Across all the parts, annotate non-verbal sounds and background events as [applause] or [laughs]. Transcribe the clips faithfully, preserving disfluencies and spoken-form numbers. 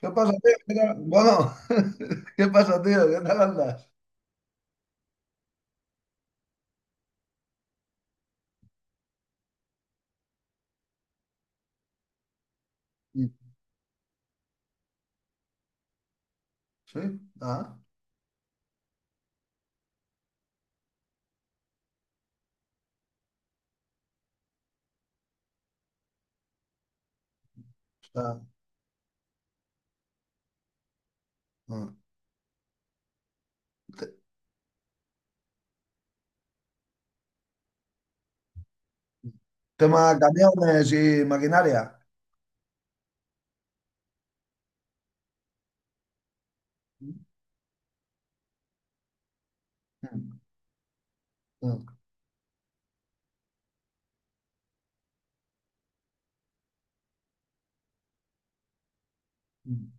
¿Qué pasa, tío? ¿Qué tal? Bueno, [laughs] ¿qué pasa, tío? ¿Qué tal andas? Mm. Sí. Ah. Está. Ah. Te- Tema camiones y maquinaria. Mm. Mm. Mm.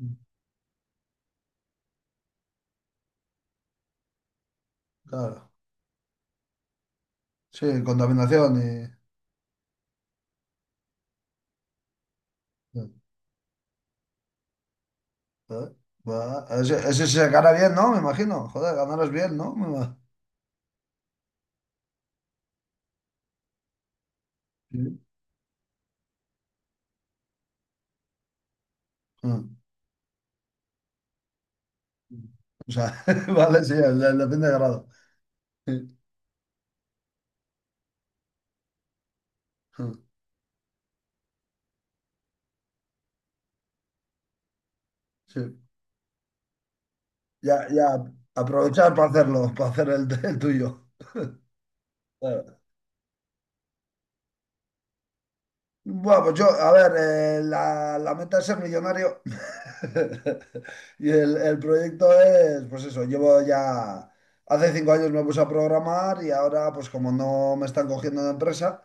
Mm. Claro, sí, contaminación y... Mm. Joder, va. Ese, ese se gana bien, ¿no? Me imagino. Joder, ganarás bien, ¿no? Me ima- Sí. Ah. O sea, [laughs] vale, sí, el- el- depende de grado. Sí, ah, sí. Ya, ya, aprovechar para hacerlo, para hacer el, el tuyo. Claro. Bueno, pues yo, a ver, eh, la, la meta es ser millonario. [laughs] Y el, el proyecto es, pues eso, llevo ya, hace cinco años me puse a programar. Y ahora, pues como no me están cogiendo en empresa,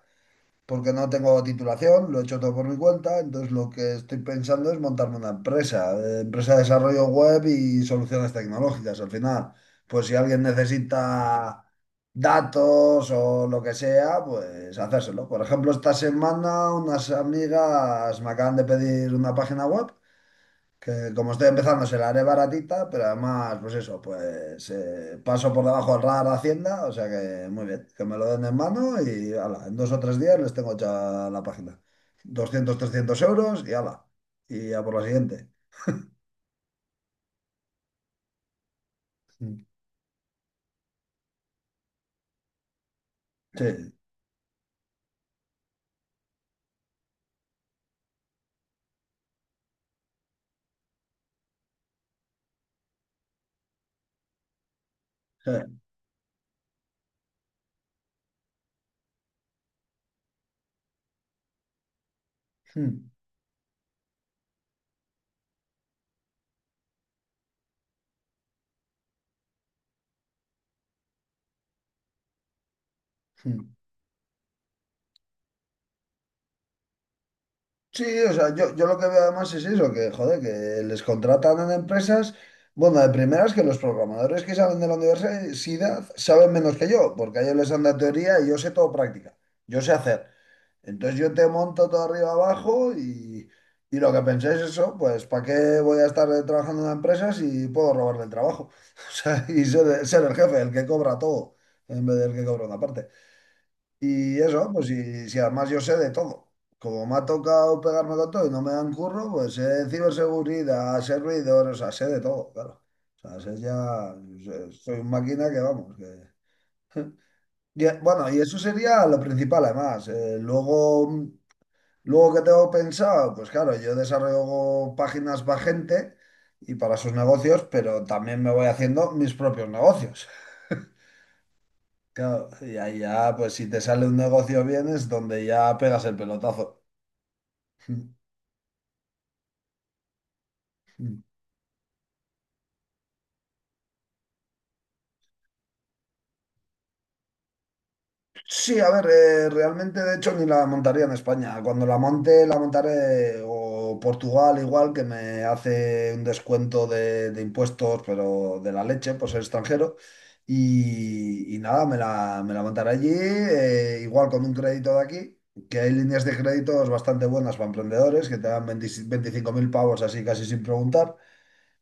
porque no tengo titulación, lo he hecho todo por mi cuenta. Entonces lo que estoy pensando es montarme una empresa, eh, empresa de desarrollo web y soluciones tecnológicas. Al final, pues si alguien necesita datos o lo que sea, pues hacérselo. Por ejemplo, esta semana unas amigas me acaban de pedir una página web que, como estoy empezando, se la haré baratita, pero además, pues eso, pues eh, paso por debajo del radar de Hacienda, o sea que muy bien, que me lo den en mano y ala, en dos o tres días les tengo hecha la página. Doscientos trescientos euros y ala, y a por la siguiente. Mm. Sí, sí. Mm. Mm. Sí, o sea, yo, yo lo que veo además es eso, que joder, que les contratan en empresas. Bueno, de primeras que los programadores que saben de la universidad saben menos que yo, porque a ellos les dan la teoría y yo sé todo práctica. Yo sé hacer. Entonces yo te monto todo arriba abajo y, y lo que pensé es eso, pues ¿para qué voy a estar trabajando en una empresa si puedo robarle el trabajo? [laughs] O sea, y ser, ser el jefe, el que cobra todo, en vez del que cobra una parte. Y eso, pues si, si además yo sé de todo. Como me ha tocado pegarme con todo y no me dan curro, pues sé de ciberseguridad, sé ruidores, o sea, sé de todo, claro. O sea, sé ya, soy una máquina que vamos, que... Y, eh, bueno, y eso sería lo principal, además. Eh, luego, Luego, ¿qué tengo pensado? Pues claro, yo desarrollo páginas para gente y para sus negocios, pero también me voy haciendo mis propios negocios. Claro, y ahí ya, pues si te sale un negocio bien es donde ya pegas el pelotazo. [laughs] Sí, a ver, eh, realmente de hecho ni la montaría en España. Cuando la monte, la montaré o Portugal igual, que me hace un descuento de, de impuestos, pero de la leche, pues ser extranjero. Y, y nada, me la, me la montaré allí, eh, igual con un crédito de aquí, que hay líneas de créditos bastante buenas para emprendedores, que te dan veinte veinticinco mil pavos así casi sin preguntar.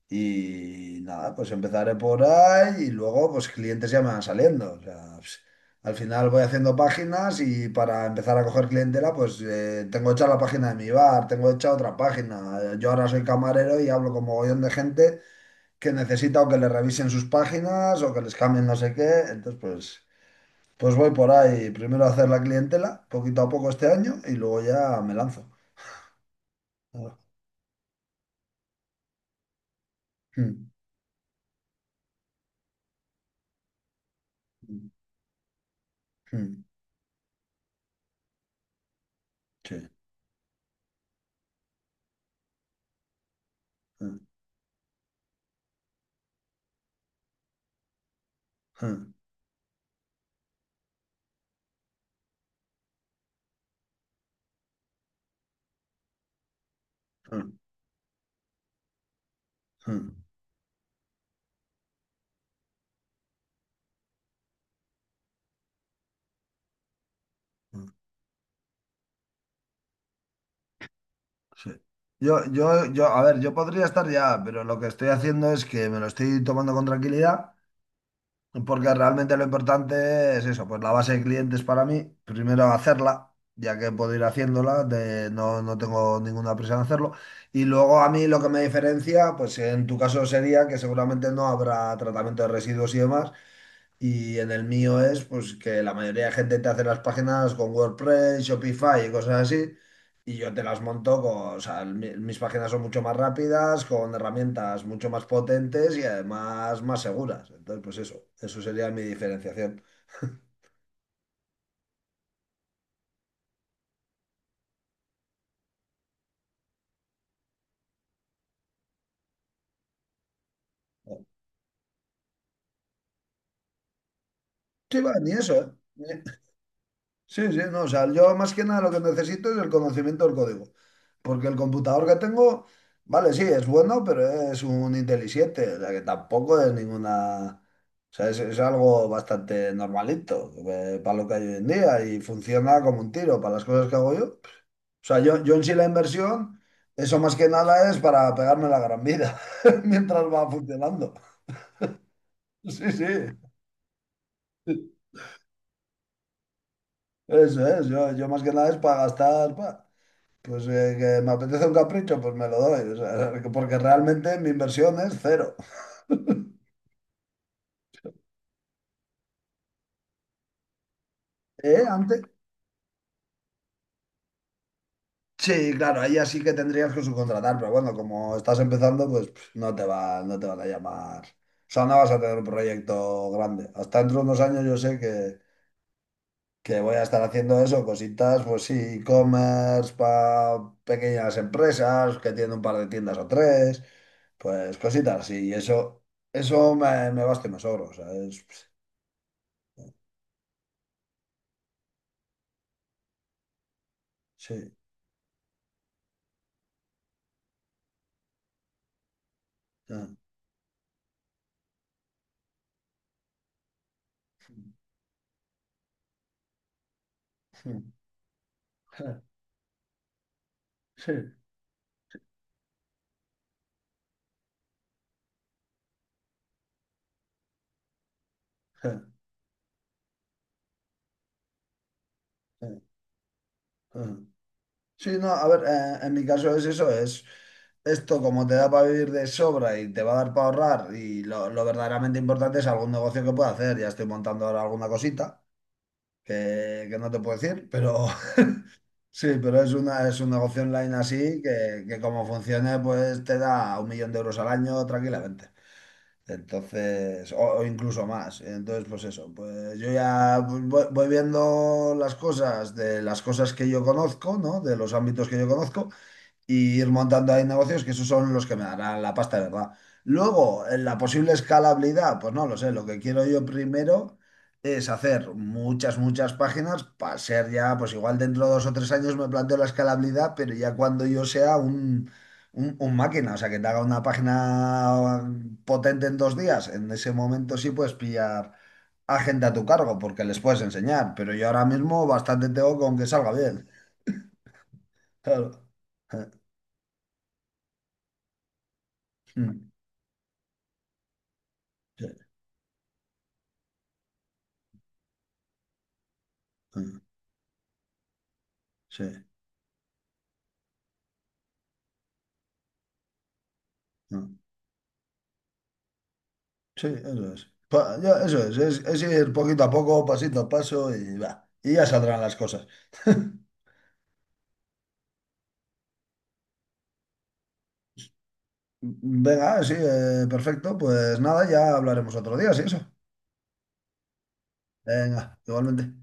Y nada, pues empezaré por ahí y luego pues clientes ya me van saliendo. O sea, pues, al final voy haciendo páginas, y para empezar a coger clientela pues eh, tengo hecha la página de mi bar, tengo hecha otra página. Eh, Yo ahora soy camarero y hablo con mogollón de gente que necesita o que le revisen sus páginas o que les cambien no sé qué. Entonces pues, pues voy por ahí primero a hacer la clientela poquito a poco este año y luego ya me lanzo. Mm. Mm. Mm. Sí. Mm. Mm. Mm. Mm. Sí. Yo, yo, yo, a ver, yo podría estar ya, pero lo que estoy haciendo es que me lo estoy tomando con tranquilidad, porque realmente lo importante es eso, pues la base de clientes para mí, primero hacerla, ya que puedo ir haciéndola. De- no, no tengo ninguna prisa en hacerlo, y luego a mí lo que me diferencia, pues en tu caso sería que seguramente no habrá tratamiento de residuos y demás, y en el mío es pues que la mayoría de gente te hace las páginas con WordPress, Shopify y cosas así. Y yo te las monto con, o sea, el- mi- mis páginas son mucho más rápidas, con herramientas mucho más potentes y además más seguras. Entonces, pues eso, eso sería mi diferenciación. [laughs] Sí, va, ni eso, ¿eh? Sí, sí, no, o sea, yo más que nada lo que necesito es el conocimiento del código, porque el computador que tengo, vale, sí, es bueno, pero es un Intel i siete, o sea, que tampoco es ninguna, o sea, es, es algo bastante normalito eh, para lo que hay hoy en día, y funciona como un tiro para las cosas que hago yo. Pues, o sea, yo, yo en sí la inversión, eso más que nada es para pegarme la gran vida [laughs] mientras va funcionando. Sí, sí, eso es, yo, yo más que nada es para gastar. pa- Pues eh, que me apetece un capricho, pues me lo doy. O sea, porque realmente mi inversión es cero. [laughs] ¿Eh? Antes. Sí, claro, ahí así que tendrías que subcontratar, pero bueno, como estás empezando, pues pff, no te va, no te van a llamar. O sea, no vas a tener un proyecto grande. Hasta dentro de unos años yo sé que, que voy a estar haciendo eso, cositas, pues sí, e-commerce para pequeñas empresas que tienen un par de tiendas o tres, pues cositas, sí, y eso, eso me, me basta y me sobra, o sea, es- sí. Mm. [laughs] Sí, [laughs] Sí, sí, no, a ver, eh, en mi caso es eso, es esto como te da para vivir de sobra y te va a dar para ahorrar, y lo, lo verdaderamente importante es algún negocio que pueda hacer. Ya estoy montando ahora alguna cosita que, que no te puedo decir, pero [laughs] sí, pero es una, es un negocio online así que, que como funcione pues te da un millón de euros al año tranquilamente. Entonces, o, o incluso más. Entonces, pues eso, pues yo ya pues, voy, voy viendo las cosas de las cosas que yo conozco, ¿no? De los ámbitos que yo conozco y ir montando ahí negocios, que esos son los que me darán la pasta, ¿de verdad? Luego, en la posible escalabilidad, pues no lo sé, lo que quiero yo primero es hacer muchas, muchas páginas para ser ya, pues igual dentro de dos o tres años me planteo la escalabilidad, pero ya cuando yo sea un, un, un máquina, o sea, que te haga una página potente en dos días, en ese momento sí puedes pillar a gente a tu cargo porque les puedes enseñar, pero yo ahora mismo bastante tengo con que salga bien. Claro. [laughs] Sí. Sí. Sí, no. Sí, eso es. Pa- ya, eso es, es, es, ir poquito a poco, pasito a paso y va. Y ya saldrán las cosas. [laughs] Venga, sí, eh, perfecto. Pues nada, ya hablaremos otro día, sí, eso. Venga, igualmente.